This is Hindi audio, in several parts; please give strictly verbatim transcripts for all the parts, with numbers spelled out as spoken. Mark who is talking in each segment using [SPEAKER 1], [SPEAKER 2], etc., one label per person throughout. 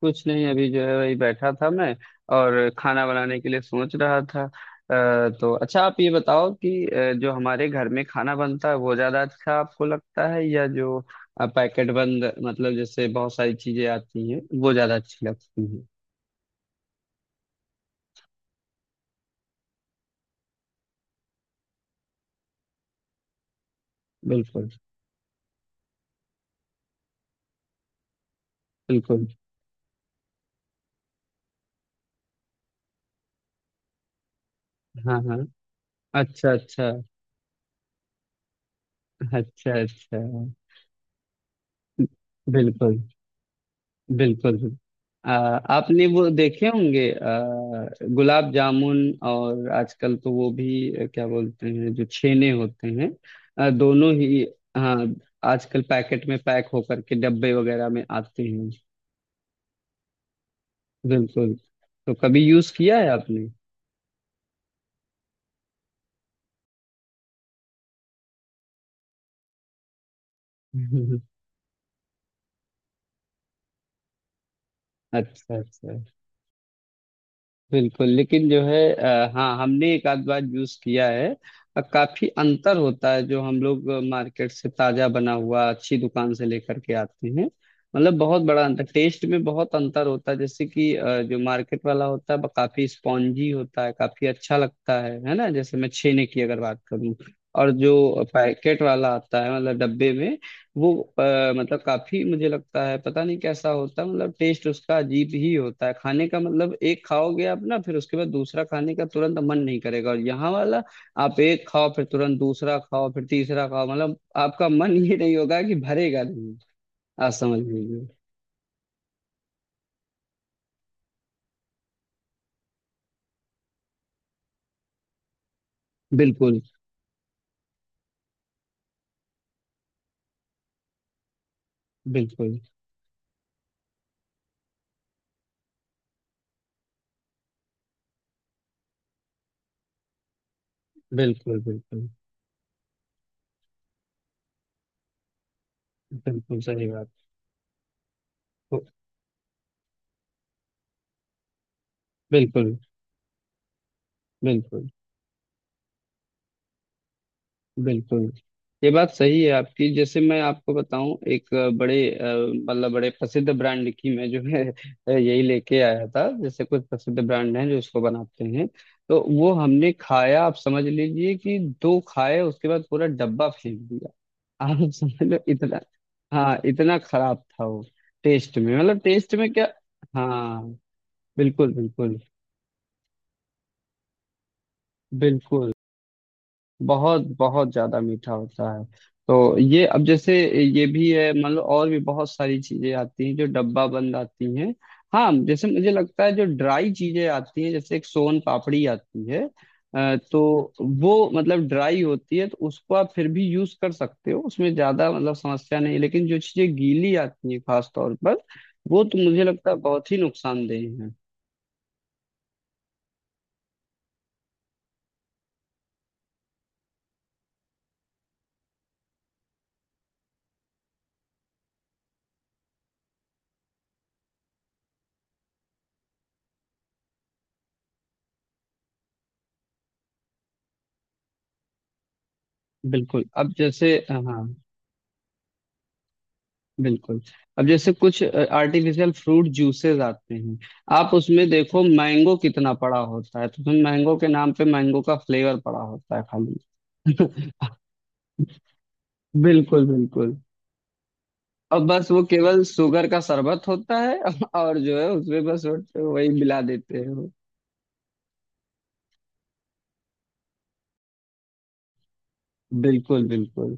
[SPEAKER 1] कुछ नहीं अभी जो है वही बैठा था मैं और खाना बनाने के लिए सोच रहा था अ, तो अच्छा आप ये बताओ कि अ, जो हमारे घर में खाना बनता है वो ज्यादा अच्छा आपको लगता है या जो अ, पैकेट बंद मतलब जैसे बहुत सारी चीजें आती हैं वो ज्यादा अच्छी लगती हैं। बिल्कुल बिल्कुल। हाँ हाँ। अच्छा अच्छा। अच्छा अच्छा। बिल्कुल बिल्कुल बिल्कुल। आ, आपने वो देखे होंगे आ, गुलाब जामुन। और आजकल तो वो भी आ, क्या बोलते हैं जो छेने होते हैं आ, दोनों ही। हाँ। आजकल पैकेट में पैक होकर के डब्बे वगैरह में आते हैं। बिल्कुल। तो कभी यूज किया है आपने? अच्छा अच्छा। बिल्कुल लेकिन जो है आ, हाँ हमने एक आध बार यूज किया है। अ, काफी अंतर होता है जो हम लोग मार्केट से ताजा बना हुआ अच्छी दुकान से लेकर के आते हैं। मतलब बहुत बड़ा अंतर टेस्ट में बहुत अंतर होता है। जैसे कि अ, जो मार्केट वाला होता है वो काफी स्पॉन्जी होता है, काफी अच्छा लगता है है ना, जैसे मैं छेने की अगर बात करूँ। और जो पैकेट वाला आता है मतलब डब्बे में, वो अ, मतलब काफी मुझे लगता है पता नहीं कैसा होता है, मतलब टेस्ट उसका अजीब ही होता है खाने का। मतलब एक खाओगे आप ना फिर उसके बाद दूसरा खाने का तुरंत मन नहीं करेगा। और यहाँ वाला आप एक खाओ फिर तुरंत दूसरा खाओ फिर तीसरा खाओ मतलब आपका मन ये नहीं होगा कि भरेगा नहीं, आप समझ लीजिए। बिल्कुल बिल्कुल। बिल्कुल बिल्कुल। बिल्कुल सही बात। बिल्कुल बिल्कुल बिल्कुल। ये बात सही है आपकी। जैसे मैं आपको बताऊं एक बड़े अ, मतलब बड़े प्रसिद्ध ब्रांड की मैं जो है अ, यही लेके आया था। जैसे कुछ प्रसिद्ध ब्रांड हैं जो इसको बनाते हैं। तो वो हमने खाया, आप समझ लीजिए कि दो खाए उसके बाद पूरा डब्बा फेंक दिया। आप समझ लो इतना। हाँ, इतना खराब था वो टेस्ट में। मतलब टेस्ट में क्या। हाँ। बिल्कुल बिल्कुल। बिल्कुल बहुत बहुत ज्यादा मीठा होता है। तो ये अब जैसे ये भी है, मतलब और भी बहुत सारी चीजें आती हैं जो डब्बा बंद आती हैं। हाँ, जैसे मुझे लगता है जो ड्राई चीजें आती हैं जैसे एक सोन पापड़ी आती है। अ, तो वो मतलब ड्राई होती है तो उसको आप फिर भी यूज कर सकते हो, उसमें ज्यादा मतलब समस्या नहीं है। लेकिन जो चीजें गीली आती हैं खास तौर पर वो तो मुझे लगता है बहुत ही नुकसानदेह है। बिल्कुल अब जैसे हाँ। बिल्कुल। अब जैसे कुछ आर्टिफिशियल फ्रूट जूसेस आते हैं, आप उसमें देखो मैंगो कितना पड़ा होता है, तो उसमें मैंगो के नाम पे मैंगो का फ्लेवर पड़ा होता है खाली। बिल्कुल बिल्कुल। और बस वो केवल शुगर का शरबत होता है और जो है उसमें बस वो- वही मिला देते हैं वो। बिल्कुल बिल्कुल।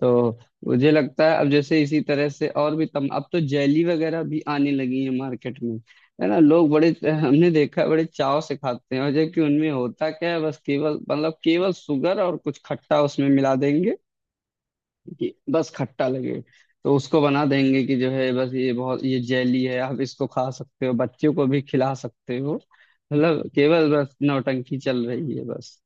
[SPEAKER 1] तो मुझे लगता है अब जैसे इसी तरह से और भी तम अब तो जेली वगैरह भी आने लगी है मार्केट में, है ना। लोग बड़े हमने देखा है, बड़े चाव से खाते हैं और जबकि उनमें होता क्या है बस केवल मतलब केवल शुगर और कुछ खट्टा उसमें मिला देंगे कि बस खट्टा लगे। तो उसको बना देंगे कि जो है बस ये बहुत ये जेली है आप इसको खा सकते हो बच्चों को भी खिला सकते हो। मतलब केवल बस नौटंकी चल रही है बस।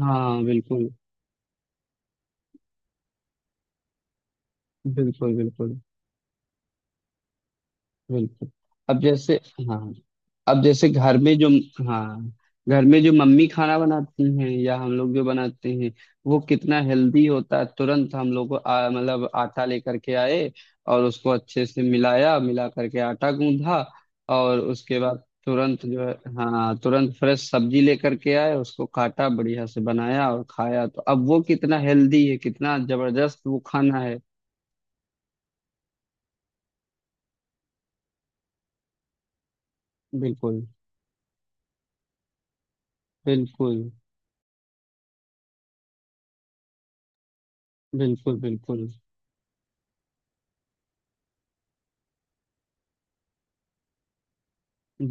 [SPEAKER 1] हाँ बिल्कुल। बिल्कुल बिल्कुल। बिल्कुल अब जैसे हाँ। अब जैसे घर में जो, हाँ, घर में जो मम्मी खाना बनाती हैं या हम लोग जो बनाते हैं वो कितना हेल्दी होता है। तुरंत हम लोग आ, मतलब आटा लेकर के आए और उसको अच्छे से मिलाया मिला करके आटा गूंधा। और उसके बाद तुरंत जो है, हाँ तुरंत फ्रेश सब्जी लेकर के आए उसको काटा बढ़िया से बनाया और खाया। तो अब वो कितना हेल्दी है कितना जबरदस्त वो खाना है। बिल्कुल बिल्कुल। बिल्कुल बिल्कुल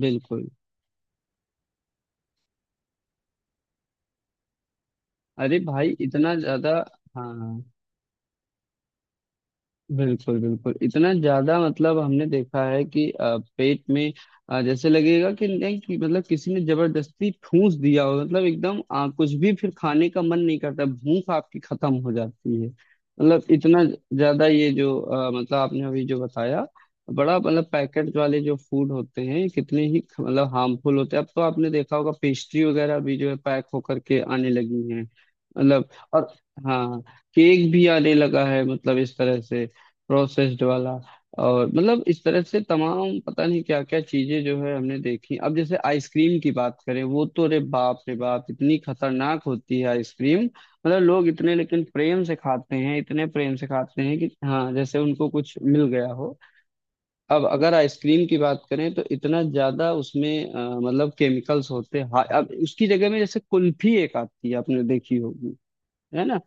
[SPEAKER 1] बिल्कुल। अरे भाई इतना ज्यादा। हाँ हाँ। बिल्कुल बिल्कुल इतना ज्यादा मतलब हमने देखा है कि अ, पेट में अ, जैसे लगेगा कि नहीं कि मतलब किसी ने जबरदस्ती ठूस दिया हो, मतलब एकदम अ, कुछ भी फिर खाने का मन नहीं करता, भूख आपकी खत्म हो जाती है। मतलब इतना ज्यादा ये जो अ, मतलब आपने अभी जो बताया बड़ा, मतलब पैकेट वाले जो फूड होते हैं कितने ही ख- मतलब हार्मफुल होते हैं। अब तो आपने देखा होगा पेस्ट्री वगैरह भी जो है पैक होकर के आने लगी हैं मतलब। और हाँ केक भी आने लगा है मतलब इस तरह से प्रोसेस्ड वाला। और मतलब इस तरह से तमाम पता नहीं क्या क्या चीजें जो है हमने देखी। अब जैसे आइसक्रीम की बात करें वो तो रे बाप रे बाप इतनी खतरनाक होती है आइसक्रीम। मतलब लोग इतने लेकिन प्रेम से खाते हैं, इतने प्रेम से खाते हैं कि हाँ जैसे उनको कुछ मिल गया हो। अब अगर आइसक्रीम की बात करें तो इतना ज्यादा उसमें अ, मतलब केमिकल्स होते हैं। हाँ, अब उसकी जगह में जैसे कुल्फी एक आती है आपने देखी होगी, है ना।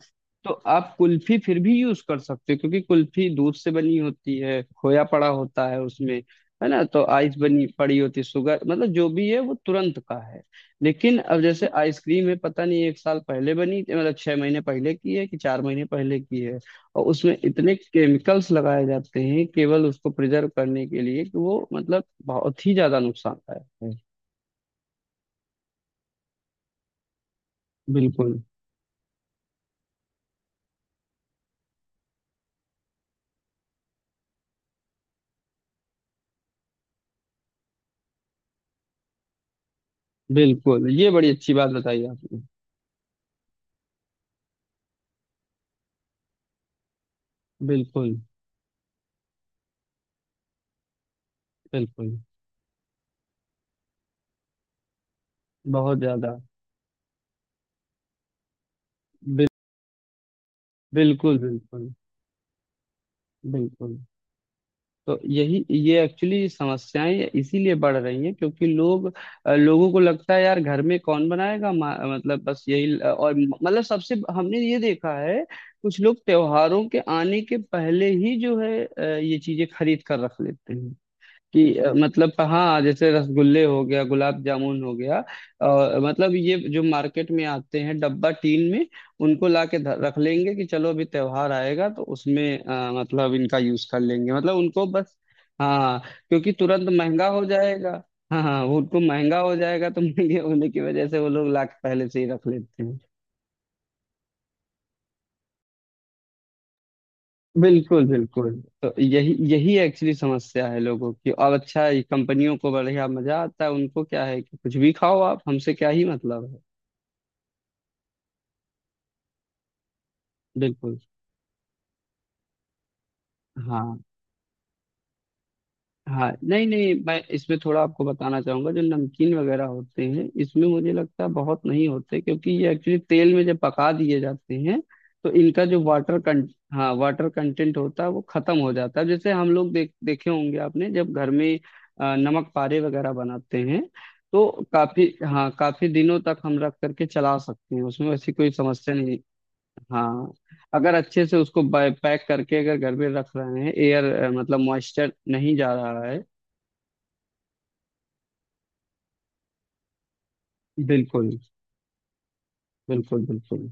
[SPEAKER 1] तो आप कुल्फी फिर भी यूज कर सकते हो क्योंकि कुल्फी दूध से बनी होती है, खोया पड़ा होता है उसमें, है ना। तो आइस बनी पड़ी होती है, शुगर, मतलब जो भी है वो तुरंत का है। लेकिन अब जैसे आइसक्रीम है पता नहीं एक साल पहले बनी, मतलब छह महीने पहले की है कि चार महीने पहले की है। और उसमें इतने केमिकल्स लगाए जाते हैं केवल उसको प्रिजर्व करने के लिए कि वो मतलब बहुत ही ज्यादा नुकसानदायक है। बिल्कुल बिल्कुल। ये बड़ी अच्छी बात बताई आपने। बिल्कुल बिल्कुल बहुत ज्यादा। बिल, बिल्कुल बिल्कुल बिल्कुल। तो यही ये एक्चुअली समस्याएं इसीलिए बढ़ रही हैं क्योंकि लोग अ, लोगों को लगता है यार घर में कौन बनाएगा मा- मतलब बस यही। और मतलब सबसे हमने ये देखा है कुछ लोग त्योहारों के आने के पहले ही जो है अ, ये चीजें खरीद कर रख लेते हैं कि अ, मतलब हाँ जैसे रसगुल्ले हो गया गुलाब जामुन हो गया और मतलब ये जो मार्केट में आते हैं डब्बा टीन में उनको ला के रख लेंगे कि चलो अभी त्योहार आएगा तो उसमें अ, मतलब इनका यूज कर लेंगे मतलब उनको बस। हाँ क्योंकि तुरंत महंगा हो जाएगा। हाँ हाँ वो उनको महंगा हो जाएगा तो महंगे होने की वजह से वो लोग ला के पहले से ही रख लेते हैं। बिल्कुल बिल्कुल। तो यही यही एक्चुअली समस्या है लोगों की। और अच्छा है, कंपनियों को बढ़िया मजा आता है, उनको क्या है कि कुछ भी खाओ आप हमसे क्या ही मतलब है। बिल्कुल। हाँ हाँ नहीं नहीं मैं इसमें थोड़ा आपको बताना चाहूंगा जो नमकीन वगैरह होते हैं इसमें मुझे लगता है बहुत नहीं होते क्योंकि ये एक्चुअली तेल में जब पका दिए जाते हैं तो इनका जो वाटर कंट, हाँ वाटर कंटेंट होता है वो खत्म हो जाता है। जैसे हम लोग देख देखे होंगे आपने जब घर में अ, नमक पारे वगैरह बनाते हैं तो काफी, हाँ काफी दिनों तक हम रख करके चला सकते हैं, उसमें वैसी कोई समस्या नहीं। हाँ अगर अच्छे से उसको पैक करके अगर घर में रख रहे हैं एयर मतलब मॉइस्चर नहीं जा रहा है। बिल्कुल बिल्कुल। बिल्कुल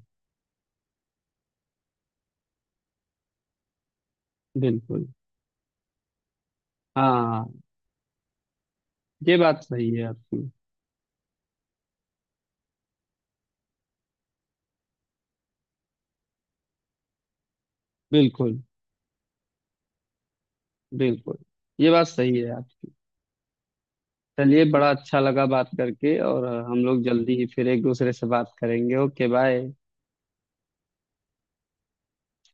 [SPEAKER 1] बिल्कुल। हाँ ये बात सही है आपकी। बिल्कुल बिल्कुल। ये बात सही है आप। चलिए बड़ा अच्छा लगा बात करके और हम लोग जल्दी ही फिर एक दूसरे से बात करेंगे। Okay bye.